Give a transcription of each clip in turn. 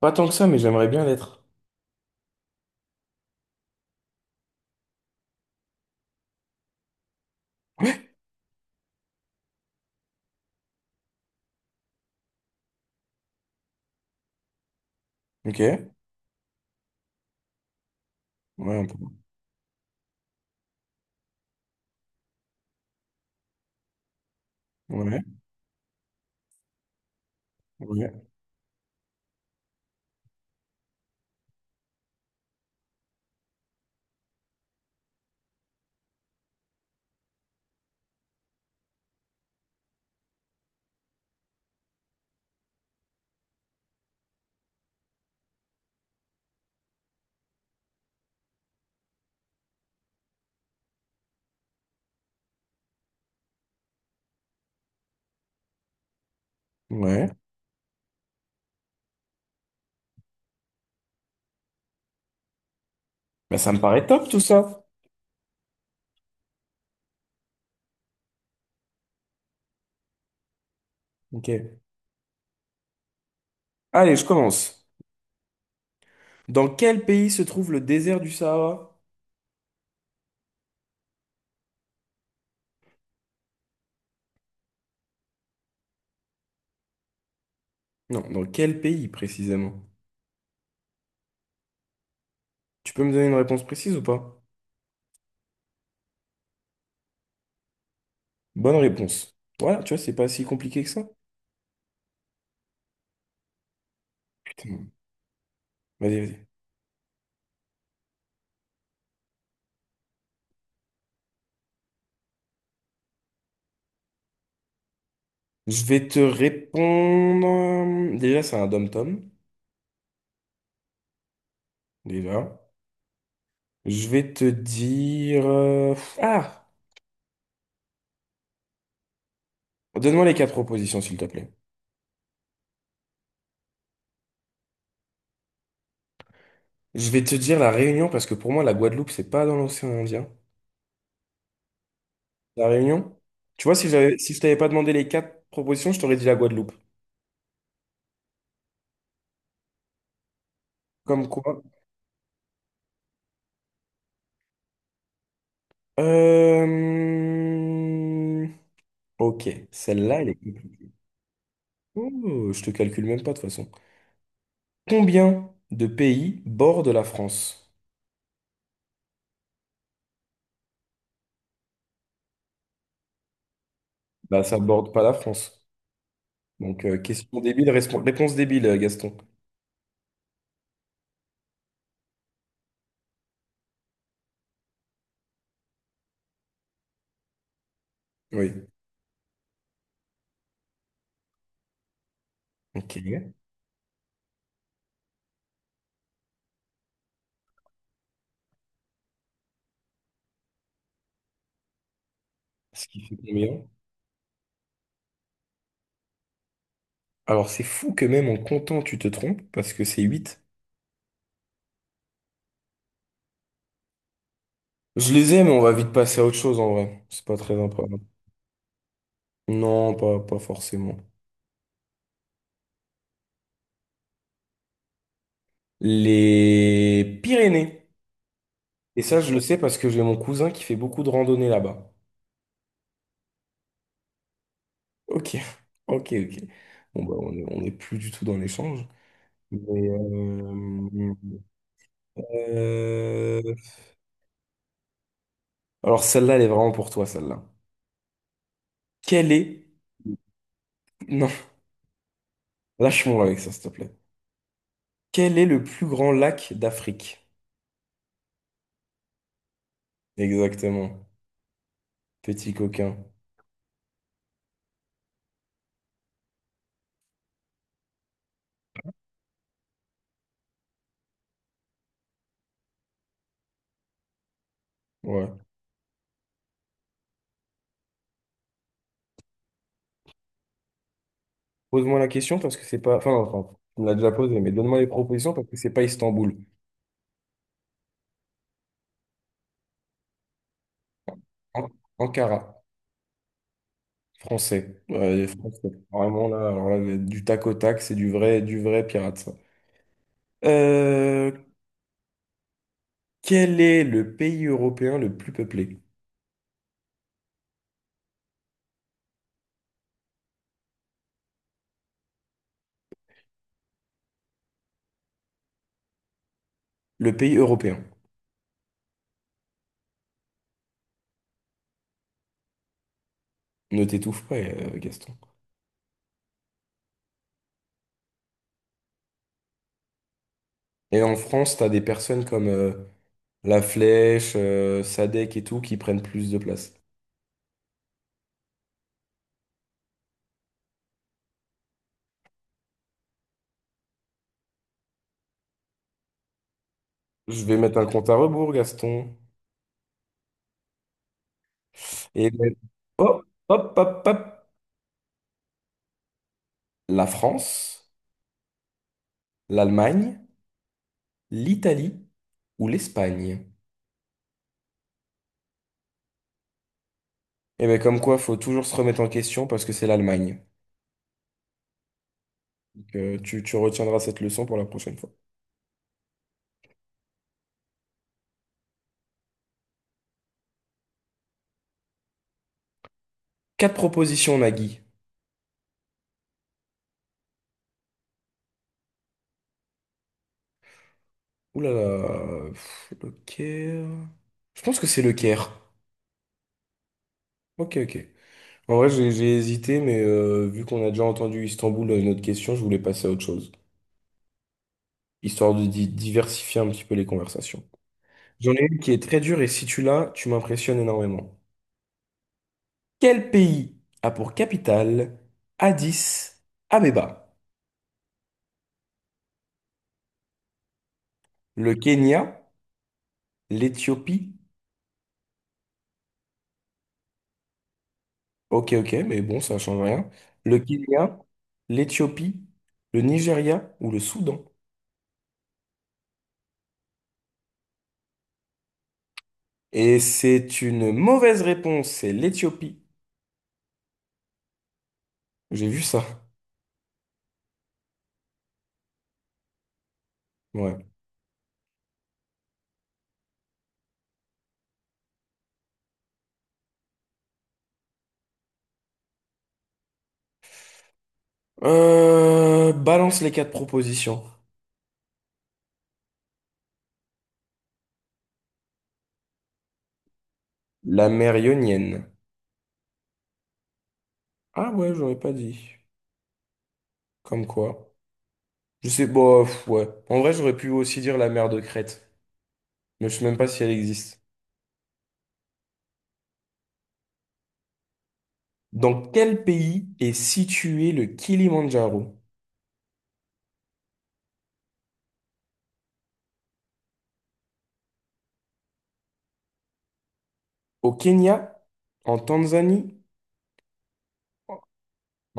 Pas tant que ça, mais j'aimerais bien l'être. Ok. Ouais, un peu. Ouais, ouais, ouais. Bah, ça me paraît top tout ça. Ok. Allez, je commence. Dans quel pays se trouve le désert du Sahara? Non, dans quel pays précisément? Tu peux me donner une réponse précise ou pas? Bonne réponse. Voilà, tu vois, c'est pas si compliqué que ça. Putain. Vas-y, vas-y. Je vais te répondre. Déjà, c'est un dom-tom. Déjà. Je vais te dire. Ah! Donne-moi les quatre propositions, s'il te plaît. Je vais te dire la Réunion parce que pour moi, la Guadeloupe, c'est pas dans l'océan Indien. La Réunion? Tu vois, si je t'avais pas demandé les quatre propositions, je t'aurais dit la Guadeloupe. Comme quoi? Euh... Ok, celle-là, elle est compliquée. Oh, je te calcule même pas de toute façon. Combien de pays bordent la France? Bah, ça borde pas la France. Donc, question débile, réponse débile, Gaston. Oui. Ok. Ce qui fait combien? Alors, c'est fou que même en comptant, tu te trompes parce que c'est 8. Je les ai, mais on va vite passer à autre chose en vrai. C'est pas très important. Non, pas forcément. Les Pyrénées. Et ça, je le sais parce que j'ai mon cousin qui fait beaucoup de randonnées là-bas. Ok, ok, ok. Bon, bah, on est plus du tout dans l'échange. Mais, euh, alors, celle-là, elle est vraiment pour toi, celle-là. Quel est... Non, lâche-moi avec ça, s'il te plaît. Quel est le plus grand lac d'Afrique? Exactement. Petit coquin. Ouais. Pose-moi la question parce que c'est pas. Enfin, tu me l'as déjà posé, mais donne-moi les propositions parce que c'est pas Istanbul. An- Ankara, français. Ouais, les français. Vraiment là, alors là, du tac au tac, c'est du vrai pirate, ça. Euh, Quel est le pays européen le plus peuplé? Le pays européen. Ne t'étouffe pas, Gaston. Et en France, t'as des personnes comme La Flèche, Sadek et tout qui prennent plus de place. Je vais mettre un compte à rebours, Gaston. Et hop, hop, hop, hop. La France. L'Allemagne, l'Italie ou l'Espagne? Et bien comme quoi, faut toujours se remettre en question parce que c'est l'Allemagne. Donc, tu retiendras cette leçon pour la prochaine fois. Quatre propositions, Nagui. Ouh là là, le Caire. Je pense que c'est le Caire. Ok, ok. En vrai, j'ai hésité, mais vu qu'on a déjà entendu Istanbul dans une autre question, je voulais passer à autre chose, histoire de diversifier un petit peu les conversations. J'en ai une qui est très dure et si tu l'as, tu m'impressionnes énormément. Quel pays a pour capitale Addis Abeba? Le Kenya, l'Éthiopie. Ok, ok, mais bon, ça change rien. Le Kenya, l'Éthiopie, le Nigeria ou le Soudan? Et c'est une mauvaise réponse, c'est l'Éthiopie. J'ai vu ça. Ouais. Balance les quatre propositions. La mer Ionienne. Ah ouais, j'aurais pas dit. Comme quoi. Je sais, bof, ouais. En vrai, j'aurais pu aussi dire la mer de Crète, mais je sais même pas si elle existe. Dans quel pays est situé le Kilimandjaro? Au Kenya, en Tanzanie,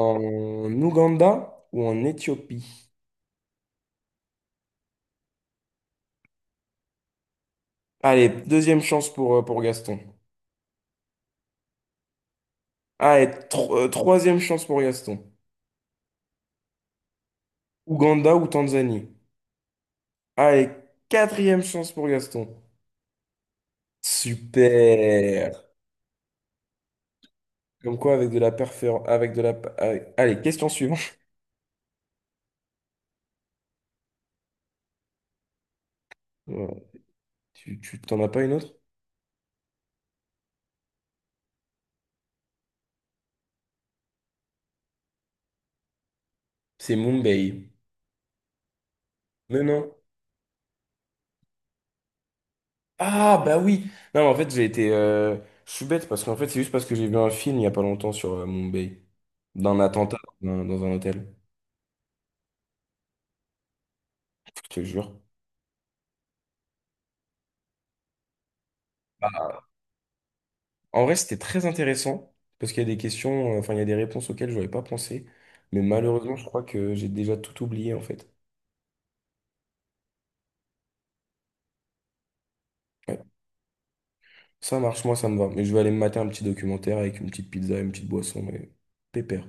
en Ouganda ou en Éthiopie? Allez, deuxième chance pour Gaston. Allez, troisième chance pour Gaston. Ouganda ou Tanzanie? Allez, quatrième chance pour Gaston. Super. Comme quoi, avec de la perfor... avec de la... allez, question suivante. Voilà. Tu t'en as pas une autre? C'est Mumbai. Mais non. Ah bah oui. Non, en fait, j'ai été je suis bête parce qu'en fait, c'est juste parce que j'ai vu un film il y a pas longtemps sur Mumbai d'un attentat dans un hôtel, je te jure. En vrai, c'était très intéressant parce qu'il y a des questions, enfin il y a des réponses auxquelles j'aurais pas pensé, mais malheureusement, je crois que j'ai déjà tout oublié en fait. Ouais. Ça marche, moi ça me va, mais je vais aller me mater un petit documentaire avec une petite pizza et une petite boisson mais pépère.